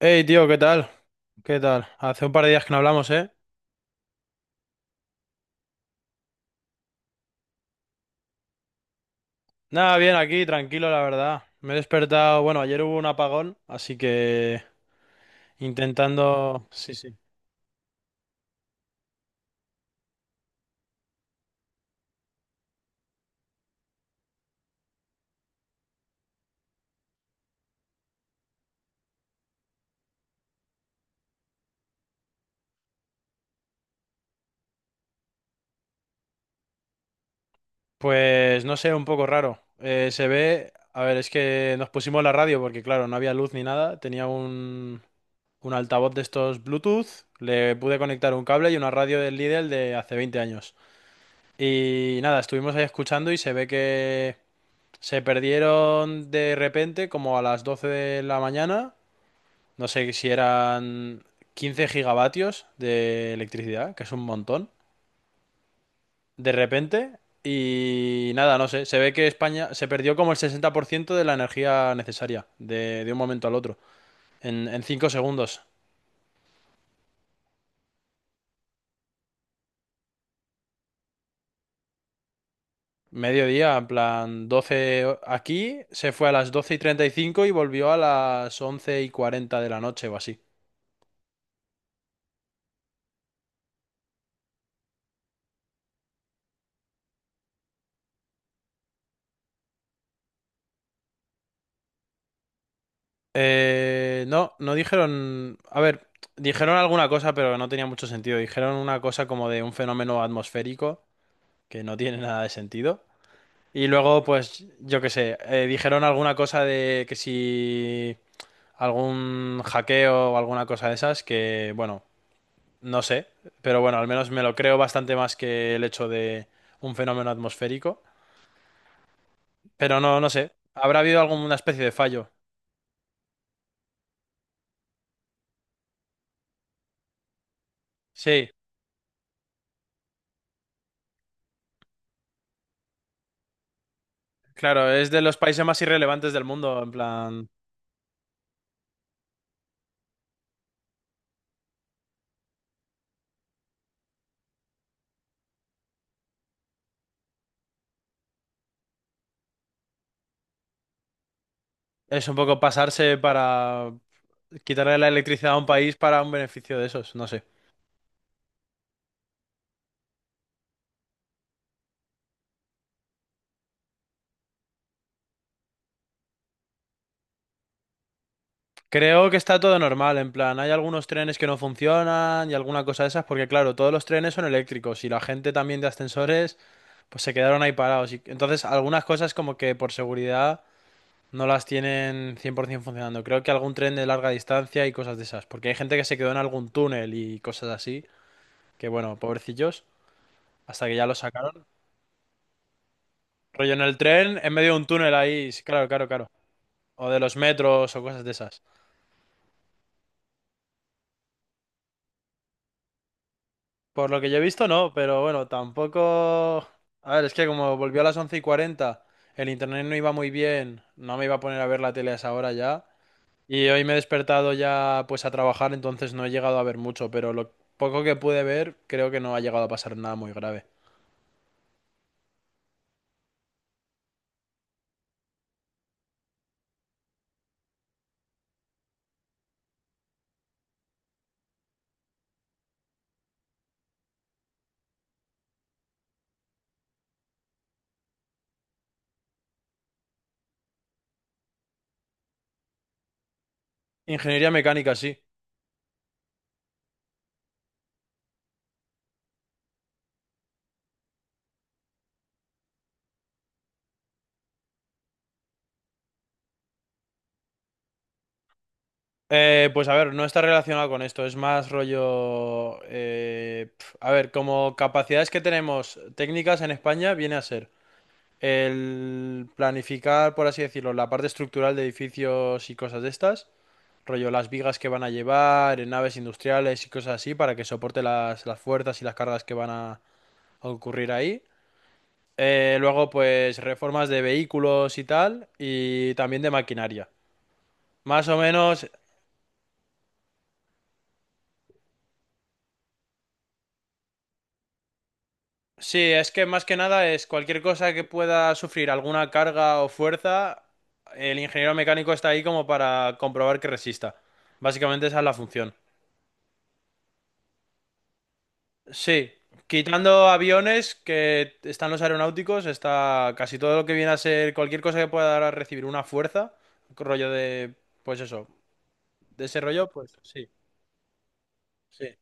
Hey, tío, ¿qué tal? ¿Qué tal? Hace un par de días que no hablamos, ¿eh? Nada, bien, aquí, tranquilo, la verdad. Me he despertado, bueno, ayer hubo un apagón, así que intentando... Sí, sí. Pues no sé, un poco raro. Se ve... A ver, es que nos pusimos la radio porque, claro, no había luz ni nada. Tenía un altavoz de estos Bluetooth, le pude conectar un cable y una radio del Lidl de hace 20 años. Y nada, estuvimos ahí escuchando y se ve que... Se perdieron de repente, como a las 12 de la mañana. No sé si eran 15 gigavatios de electricidad, que es un montón. De repente. Y nada, no sé. Se ve que España se perdió como el 60% de la energía necesaria de un momento al otro. En 5 segundos. Mediodía, en plan 12, aquí. Se fue a las 12:35 y volvió a las 11:40 de la noche o así. No, no dijeron. A ver, dijeron alguna cosa, pero no tenía mucho sentido. Dijeron una cosa como de un fenómeno atmosférico, que no tiene nada de sentido. Y luego, pues, yo qué sé, dijeron alguna cosa de que si algún hackeo o alguna cosa de esas, que, bueno, no sé. Pero bueno, al menos me lo creo bastante más que el hecho de un fenómeno atmosférico. Pero no, no sé. Habrá habido alguna especie de fallo. Sí, claro, es de los países más irrelevantes del mundo, en plan. Es un poco pasarse para quitarle la electricidad a un país para un beneficio de esos, no sé. Creo que está todo normal, en plan, hay algunos trenes que no funcionan y alguna cosa de esas, porque claro, todos los trenes son eléctricos y la gente también de ascensores, pues se quedaron ahí parados. Y entonces, algunas cosas como que por seguridad no las tienen 100% funcionando. Creo que algún tren de larga distancia y cosas de esas, porque hay gente que se quedó en algún túnel y cosas así, que bueno, pobrecillos, hasta que ya lo sacaron. Rollo en el tren, en medio de un túnel ahí, sí, claro, claro, claro. O de los metros o cosas de esas. Por lo que yo he visto, no, pero bueno, tampoco. A ver, es que como volvió a las 11:40, el internet no iba muy bien, no me iba a poner a ver la tele a esa hora ya. Y hoy me he despertado ya pues a trabajar, entonces no he llegado a ver mucho, pero lo poco que pude ver, creo que no ha llegado a pasar nada muy grave. Ingeniería mecánica, sí. Pues a ver, no está relacionado con esto, es más rollo... a ver, como capacidades que tenemos técnicas en España, viene a ser el planificar, por así decirlo, la parte estructural de edificios y cosas de estas, rollo las vigas que van a llevar en naves industriales y cosas así para que soporte las fuerzas y las cargas que van a ocurrir ahí. Luego, pues reformas de vehículos y tal, y también de maquinaria. Más o menos, sí, es que más que nada es cualquier cosa que pueda sufrir alguna carga o fuerza, el ingeniero mecánico está ahí como para comprobar que resista. Básicamente esa es la función. Sí, quitando aviones que están los aeronáuticos, está casi todo lo que viene a ser cualquier cosa que pueda dar a recibir una fuerza, rollo de, pues eso, de ese rollo, pues sí, sí.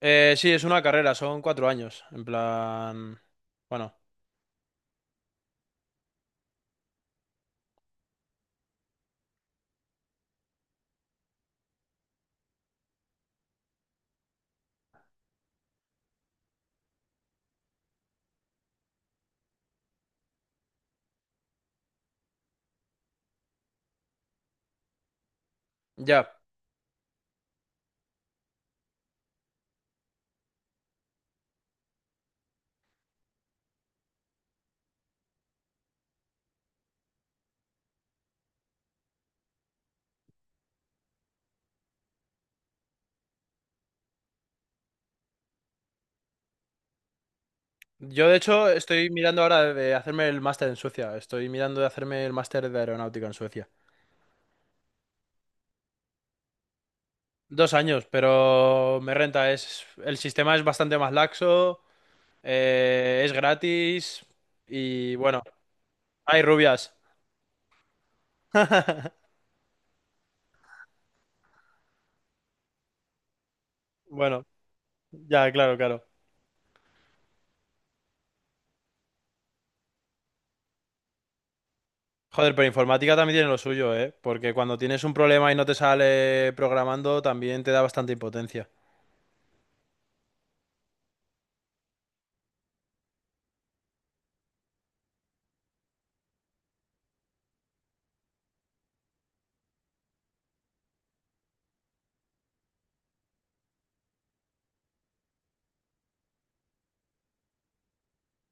Sí, es una carrera, son 4 años, en plan, bueno, ya. Yo de hecho estoy mirando ahora de hacerme el máster en Suecia, estoy mirando de hacerme el máster de aeronáutica en Suecia. 2 años, pero me renta, es, el sistema es bastante más laxo. Es gratis y bueno, hay rubias. Bueno, ya, claro, claro. Joder, pero informática también tiene lo suyo, ¿eh? Porque cuando tienes un problema y no te sale programando, también te da bastante impotencia.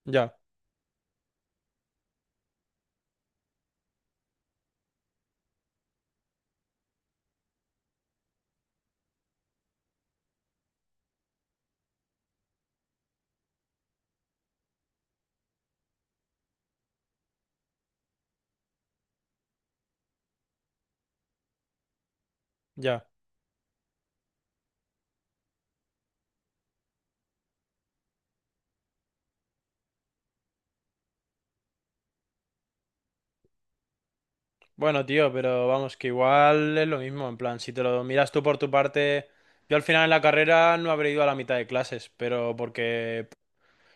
Ya, ya. Bueno, tío, pero vamos, que igual es lo mismo, en plan, si te lo miras tú por tu parte, yo al final en la carrera no habré ido a la mitad de clases, pero porque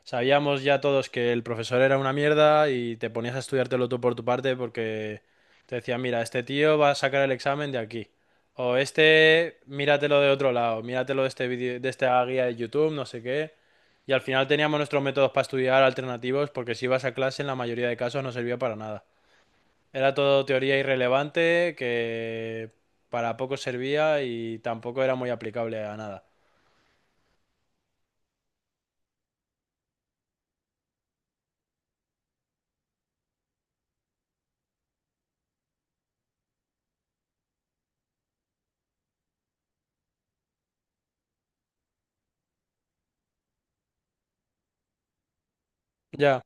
sabíamos ya todos que el profesor era una mierda y te ponías a estudiártelo tú por tu parte porque te decía mira, este tío va a sacar el examen de aquí. O este, míratelo de otro lado, míratelo de este vídeo, de esta guía de YouTube, no sé qué. Y al final teníamos nuestros métodos para estudiar alternativos porque si ibas a clase en la mayoría de casos no servía para nada. Era todo teoría irrelevante que para poco servía y tampoco era muy aplicable a nada. Ya,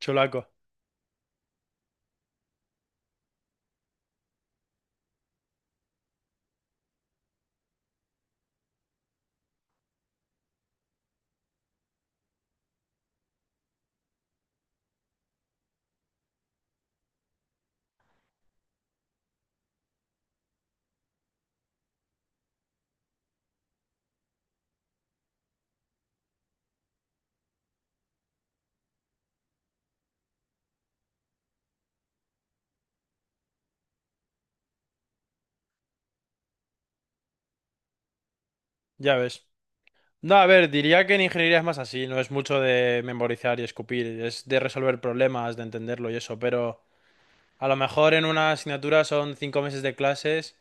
chulaco, ya ves. No, a ver, diría que en ingeniería es más así, no es mucho de memorizar y escupir, es de resolver problemas, de entenderlo y eso, pero a lo mejor en una asignatura son 5 meses de clases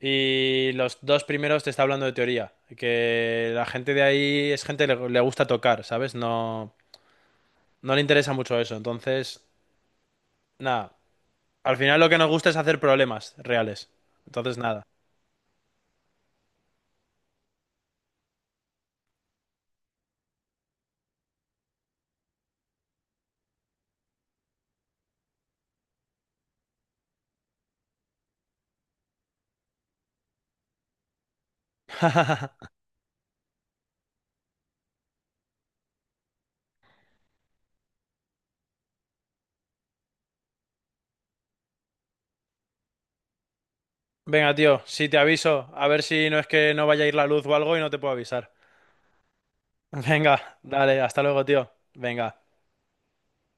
y los dos primeros te está hablando de teoría, que la gente de ahí es gente que le gusta tocar, ¿sabes? No, no le interesa mucho eso, entonces, nada, al final lo que nos gusta es hacer problemas reales, entonces nada. Venga, tío, si te aviso, a ver si no es que no vaya a ir la luz o algo y no te puedo avisar. Venga, dale, hasta luego, tío. Venga.